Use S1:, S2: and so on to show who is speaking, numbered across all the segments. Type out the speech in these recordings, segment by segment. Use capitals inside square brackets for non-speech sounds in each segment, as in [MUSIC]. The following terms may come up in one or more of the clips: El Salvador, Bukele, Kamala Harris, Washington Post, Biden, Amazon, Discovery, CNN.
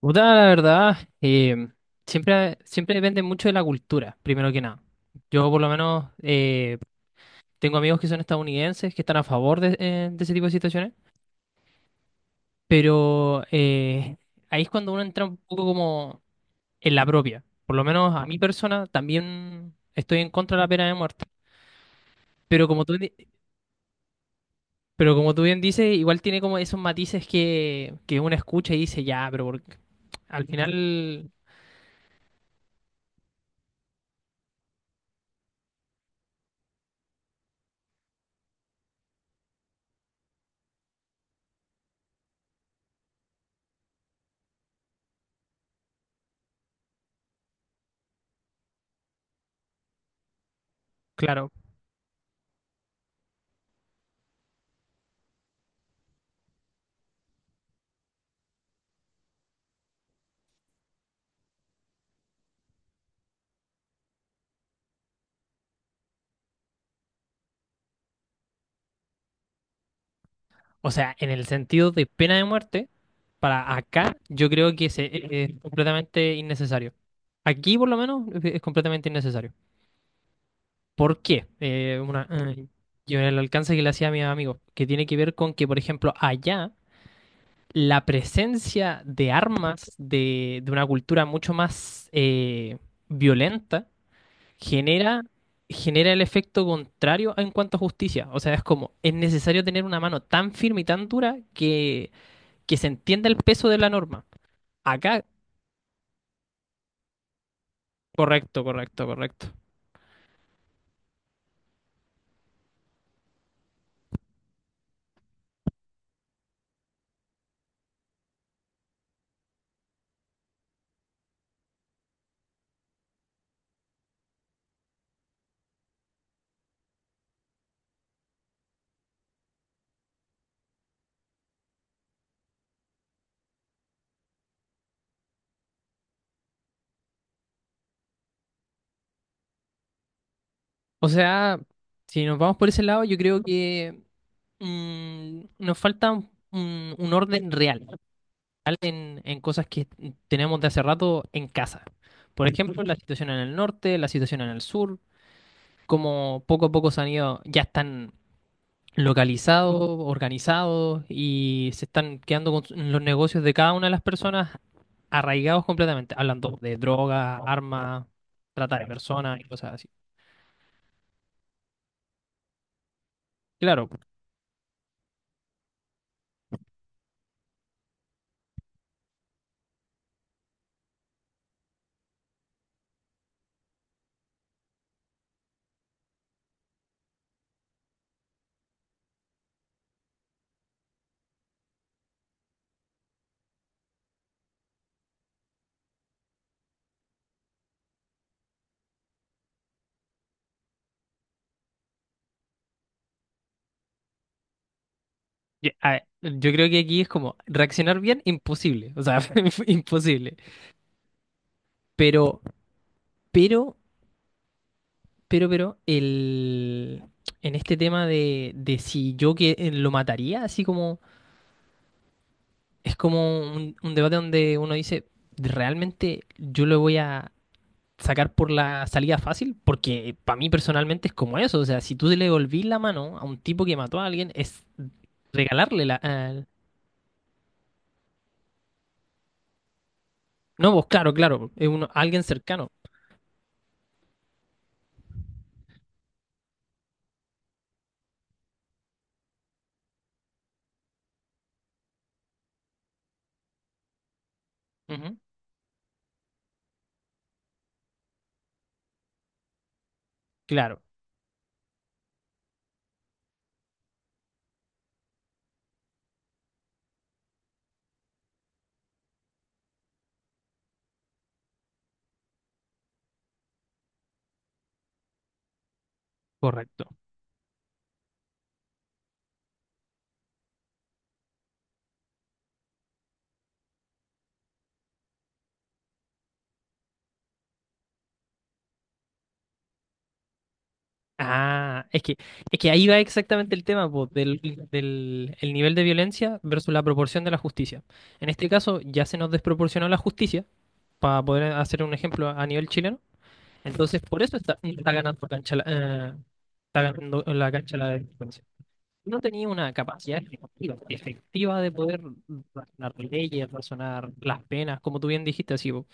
S1: Puta, la verdad, siempre depende mucho de la cultura, primero que nada. Yo por lo menos tengo amigos que son estadounidenses, que están a favor de ese tipo de situaciones, pero ahí es cuando uno entra un poco como en la propia. Por lo menos a mi persona también estoy en contra de la pena de muerte. Pero como tú, di- pero como tú bien dices, igual tiene como esos matices que uno escucha y dice, ya, al final, claro. O sea, en el sentido de pena de muerte. Para acá, yo creo que es completamente innecesario. Aquí, por lo menos, es completamente innecesario. ¿Por qué? Una, yo el alcance que le hacía a mis amigos, que tiene que ver con que, por ejemplo, allá la presencia de armas de una cultura mucho más violenta genera, genera el efecto contrario en cuanto a justicia. O sea, es como, es necesario tener una mano tan firme y tan dura que se entienda el peso de la norma. Acá correcto, correcto, correcto. O sea, si nos vamos por ese lado, yo creo que nos falta un orden real, real en cosas que tenemos de hace rato en casa. Por ejemplo, la situación en el norte, la situación en el sur, como poco a poco se han ido, ya están localizados, organizados y se están quedando con los negocios de cada una de las personas arraigados completamente, hablando de droga, armas, trata de personas y cosas así. Claro. Ya, a ver, yo creo que aquí es como reaccionar bien, imposible, o sea, [LAUGHS] imposible. Pero, pero, pero, pero, el, en este tema de si yo que lo mataría, así como, es como un debate donde uno dice, ¿realmente yo lo voy a sacar por la salida fácil? Porque para mí personalmente es como eso, o sea, si tú le devolvís la mano a un tipo que mató a alguien, es regalarle no, vos, claro, claro, es uno, alguien cercano. Ujú. Claro. Correcto. Ah, es que, es que ahí va exactamente el tema, po, del el nivel de violencia versus la proporción de la justicia. En este caso, ya se nos desproporcionó la justicia, para poder hacer un ejemplo a nivel chileno. Entonces, por eso está, está ganando cancha la, está ganando la cancha la delincuencia. No tenía una capacidad efectiva, efectiva de poder razonar leyes, razonar las penas, como tú bien dijiste, así, po.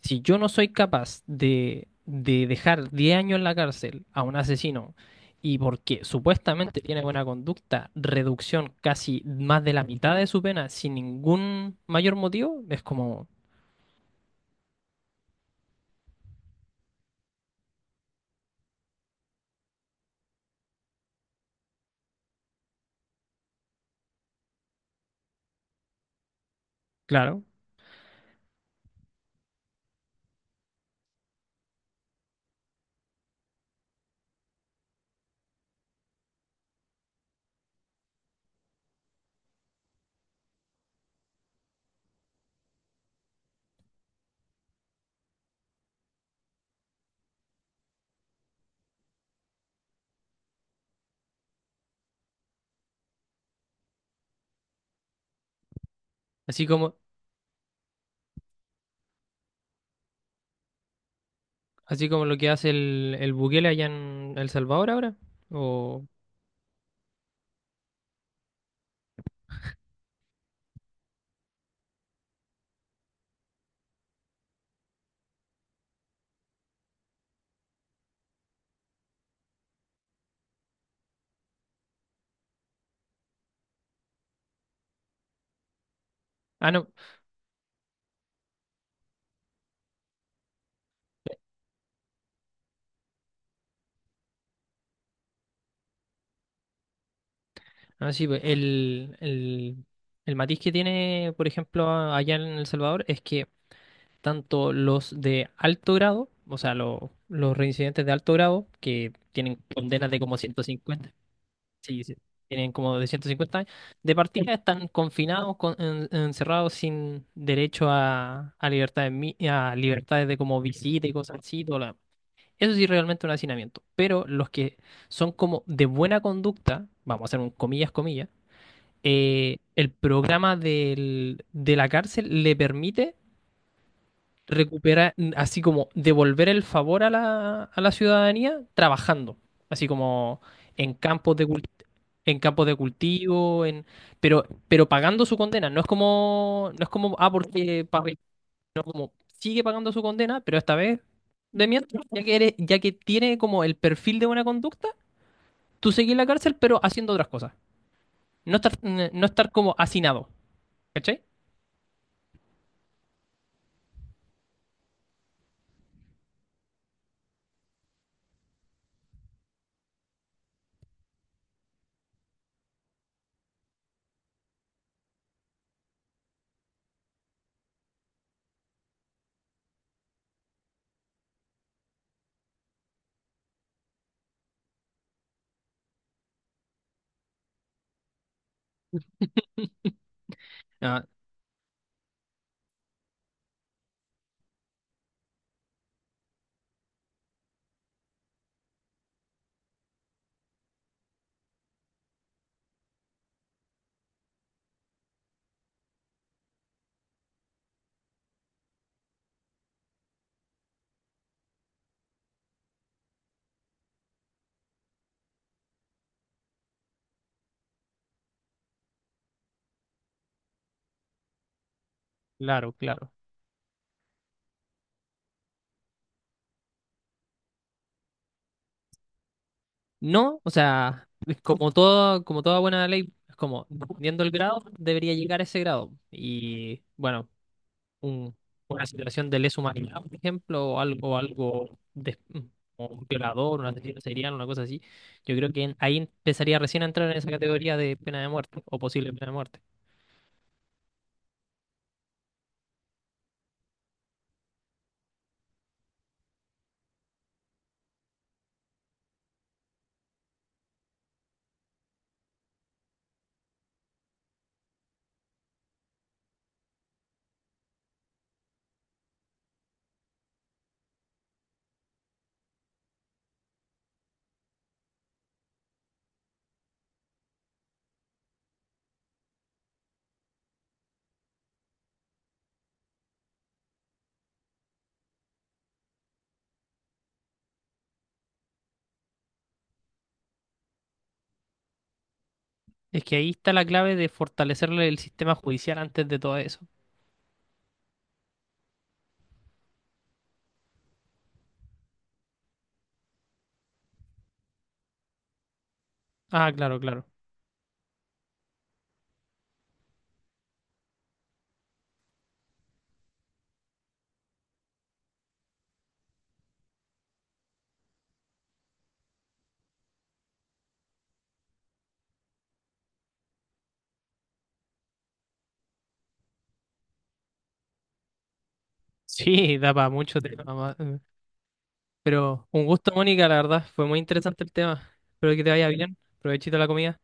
S1: Si yo no soy capaz de dejar 10 años en la cárcel a un asesino y porque supuestamente tiene buena conducta, reducción casi más de la mitad de su pena sin ningún mayor motivo, es como, claro, así como, así como lo que hace el Bukele allá en El Salvador ahora, o... Ah, no, ah, sí, pues, el matiz que tiene, por ejemplo, allá en El Salvador es que tanto los de alto grado, o sea, los reincidentes de alto grado, que tienen condenas de como 150, sí, sí, tienen como de 150 años, de partida están confinados, encerrados sin derecho a a libertades de como visita y cosas así. Todo lo demás. Eso sí, realmente un hacinamiento. Pero los que son como de buena conducta, vamos a hacer un comillas, comillas, el programa de la cárcel le permite recuperar, así como devolver el favor a la ciudadanía trabajando, así como en en campos de cultivo, pero pagando su condena. No es como, no es como, ah, porque pa- como sigue pagando su condena, pero esta vez de mientras, ya que tiene como el perfil de buena conducta, tú seguís en la cárcel, pero haciendo otras cosas. No estar, no estar como hacinado, ¿cachai? [LAUGHS] Ah, claro, claro. No, o sea, es como todo, como toda buena ley, es como, dependiendo del grado, debería llegar a ese grado. Y bueno, un- una situación de lesa humanidad, por ejemplo, o algo, algo de, como un violador, un asesino serial, una cosa así, yo creo que ahí empezaría recién a entrar en esa categoría de pena de muerte o posible pena de muerte. Es que ahí está la clave de fortalecerle el sistema judicial antes de todo eso. Ah, claro, claro. Sí, da para mucho tema. Pero un gusto, Mónica, la verdad, fue muy interesante el tema. Espero que te vaya bien. Provechito la comida.